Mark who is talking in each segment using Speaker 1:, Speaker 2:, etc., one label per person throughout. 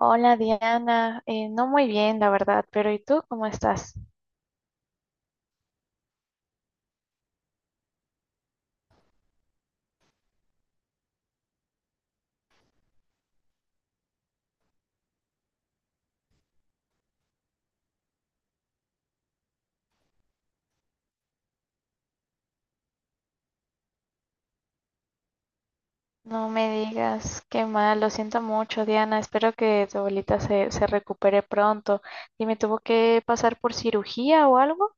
Speaker 1: Hola Diana, no muy bien la verdad, pero ¿y tú cómo estás? No me digas, qué mal, lo siento mucho Diana, espero que tu abuelita se recupere pronto. ¿Y me tuvo que pasar por cirugía o algo?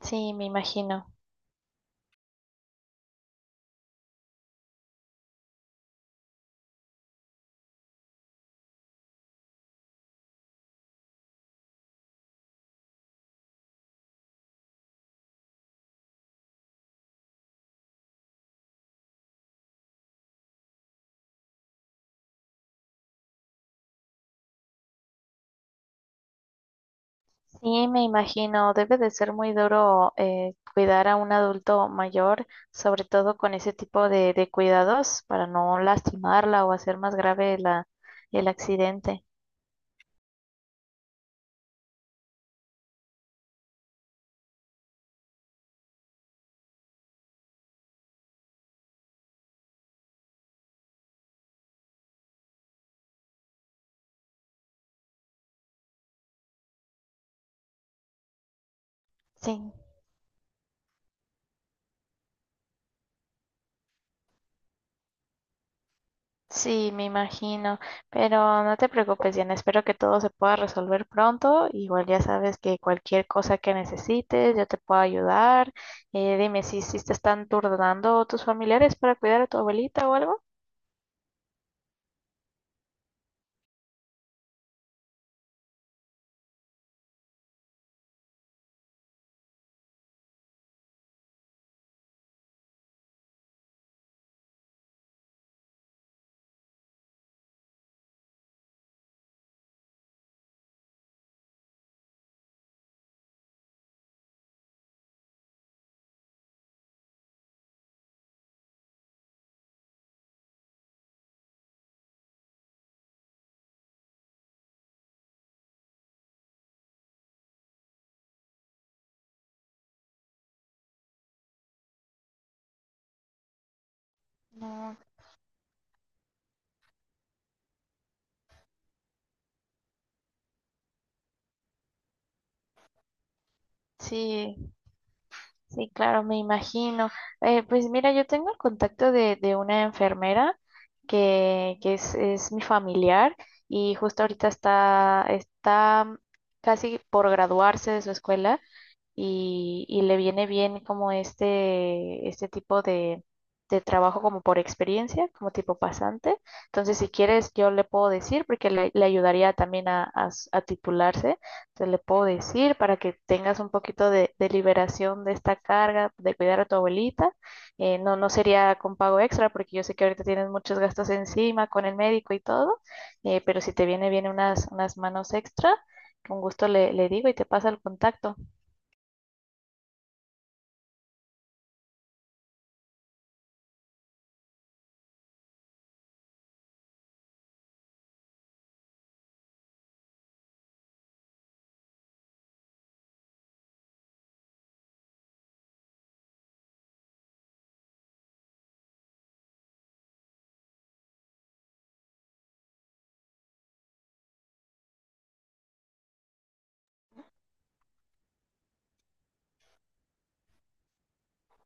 Speaker 1: Sí, me imagino. Sí, me imagino, debe de ser muy duro cuidar a un adulto mayor, sobre todo con ese tipo de cuidados para no lastimarla o hacer más grave el accidente. Sí. Sí, me imagino, pero no te preocupes, Diana, espero que todo se pueda resolver pronto. Igual ya sabes que cualquier cosa que necesites, yo te puedo ayudar. Dime si te están turnando tus familiares para cuidar a tu abuelita o algo. No, sí, sí, claro, me imagino. Pues mira, yo tengo el contacto de una enfermera es mi familiar y justo ahorita está casi por graduarse de su escuela y le viene bien como este tipo de trabajo como por experiencia, como tipo pasante. Entonces, si quieres, yo le puedo decir, porque le ayudaría también a, a titularse, entonces le puedo decir para que tengas un poquito de liberación de esta carga, de cuidar a tu abuelita. No, no sería con pago extra, porque yo sé que ahorita tienes muchos gastos encima con el médico y todo, pero si te viene bien unas manos extra, con gusto le digo y te pasa el contacto.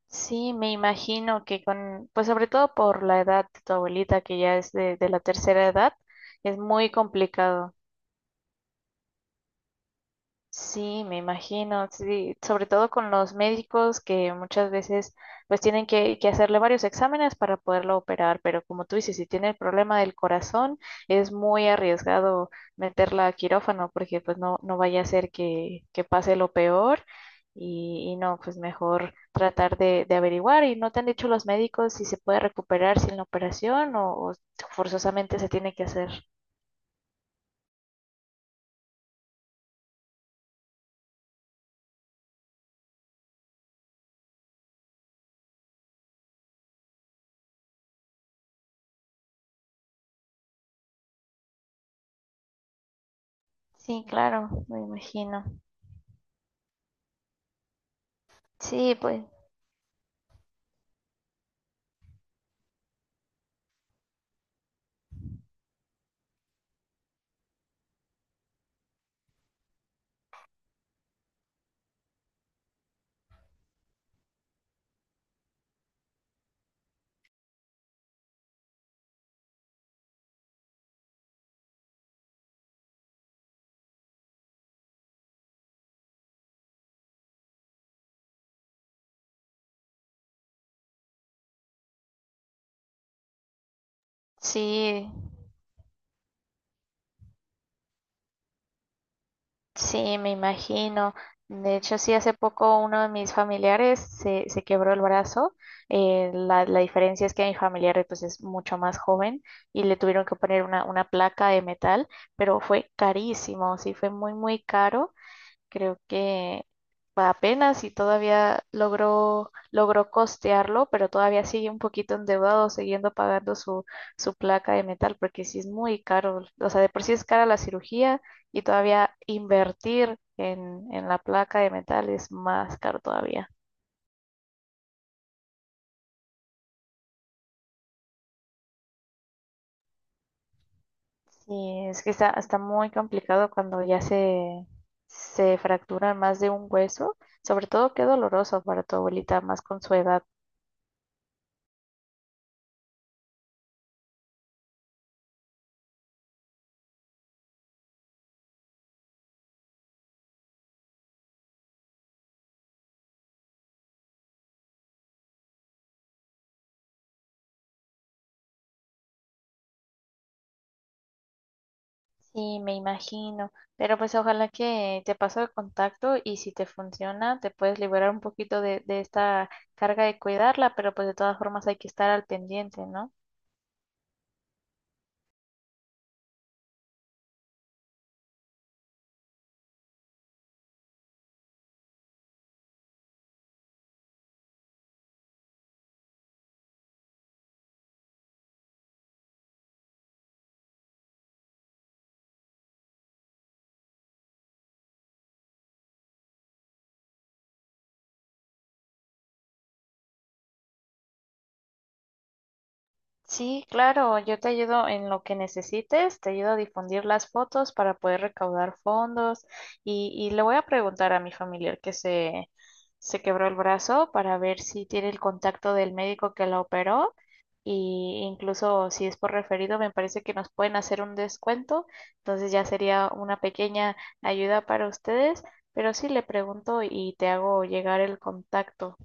Speaker 1: Sí, me imagino que con, pues sobre todo por la edad de tu abuelita, que ya es de la tercera edad, es muy complicado. Sí, me imagino, sí, sobre todo con los médicos que muchas veces pues tienen que hacerle varios exámenes para poderlo operar, pero como tú dices, si tiene el problema del corazón, es muy arriesgado meterla a quirófano porque pues no, no vaya a ser que pase lo peor y no, pues mejor tratar de averiguar y no te han dicho los médicos si se puede recuperar sin la operación o forzosamente se tiene que hacer. Sí, claro, me imagino. Sí, pues sí. Sí, me imagino. De hecho, sí, hace poco uno de mis familiares se quebró el brazo. La diferencia es que mi familiar pues, es mucho más joven y le tuvieron que poner una placa de metal, pero fue carísimo, sí, fue muy, muy caro. Creo que apenas y todavía logró costearlo, pero todavía sigue un poquito endeudado, siguiendo pagando su placa de metal, porque sí es muy caro. O sea, de por sí es cara la cirugía y todavía invertir en la placa de metal es más caro todavía. Sí, es que está muy complicado cuando ya se fracturan más de un hueso, sobre todo qué doloroso para tu abuelita, más con su edad. Sí, me imagino. Pero pues ojalá que te paso el contacto y si te funciona, te puedes liberar un poquito de esta carga de cuidarla, pero pues de todas formas hay que estar al pendiente, ¿no? Sí, claro, yo te ayudo en lo que necesites, te ayudo a difundir las fotos para poder recaudar fondos y le voy a preguntar a mi familiar que se quebró el brazo para ver si tiene el contacto del médico que la operó. Y incluso si es por referido, me parece que nos pueden hacer un descuento. Entonces ya sería una pequeña ayuda para ustedes. Pero sí le pregunto y te hago llegar el contacto.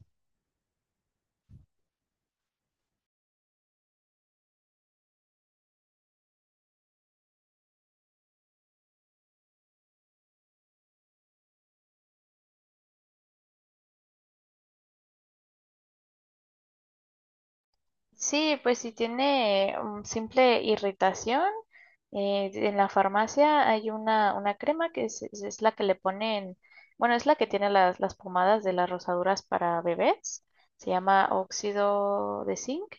Speaker 1: Sí, pues si tiene simple irritación, en la farmacia hay una crema que es la que le ponen, bueno, es la que tiene las pomadas de las rosaduras para bebés. Se llama óxido de zinc.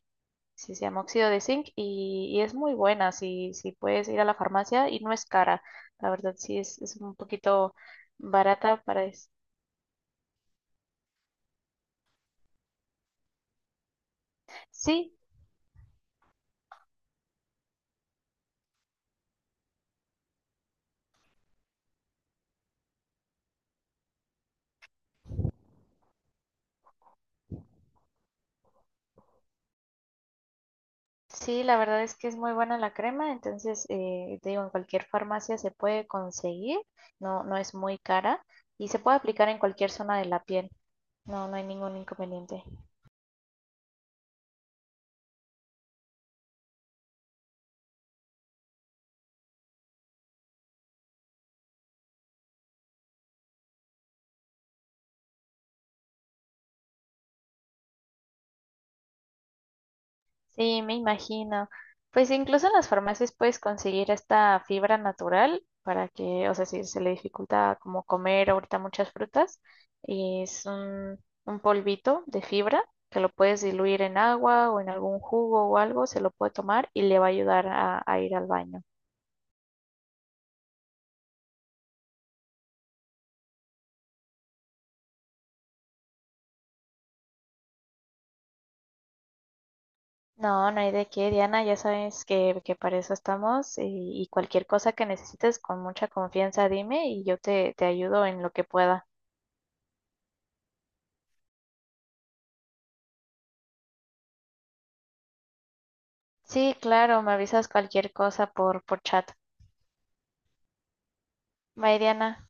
Speaker 1: Sí, se llama óxido de zinc y es muy buena si puedes ir a la farmacia y no es cara. La verdad sí es un poquito barata para eso. Sí, sí, la verdad es que es muy buena la crema, entonces te digo, en cualquier farmacia se puede conseguir, no, no es muy cara y se puede aplicar en cualquier zona de la piel. No, no hay ningún inconveniente. Sí, me imagino. Pues incluso en las farmacias puedes conseguir esta fibra natural para que, o sea, si se le dificulta como comer ahorita muchas frutas, y es un polvito de fibra que lo puedes diluir en agua o en algún jugo o algo, se lo puede tomar y le va a ayudar a ir al baño. No, no hay de qué, Diana, ya sabes que para eso estamos y cualquier cosa que necesites con mucha confianza dime y yo te ayudo en lo que pueda. Sí, claro, me avisas cualquier cosa por chat. Bye, Diana.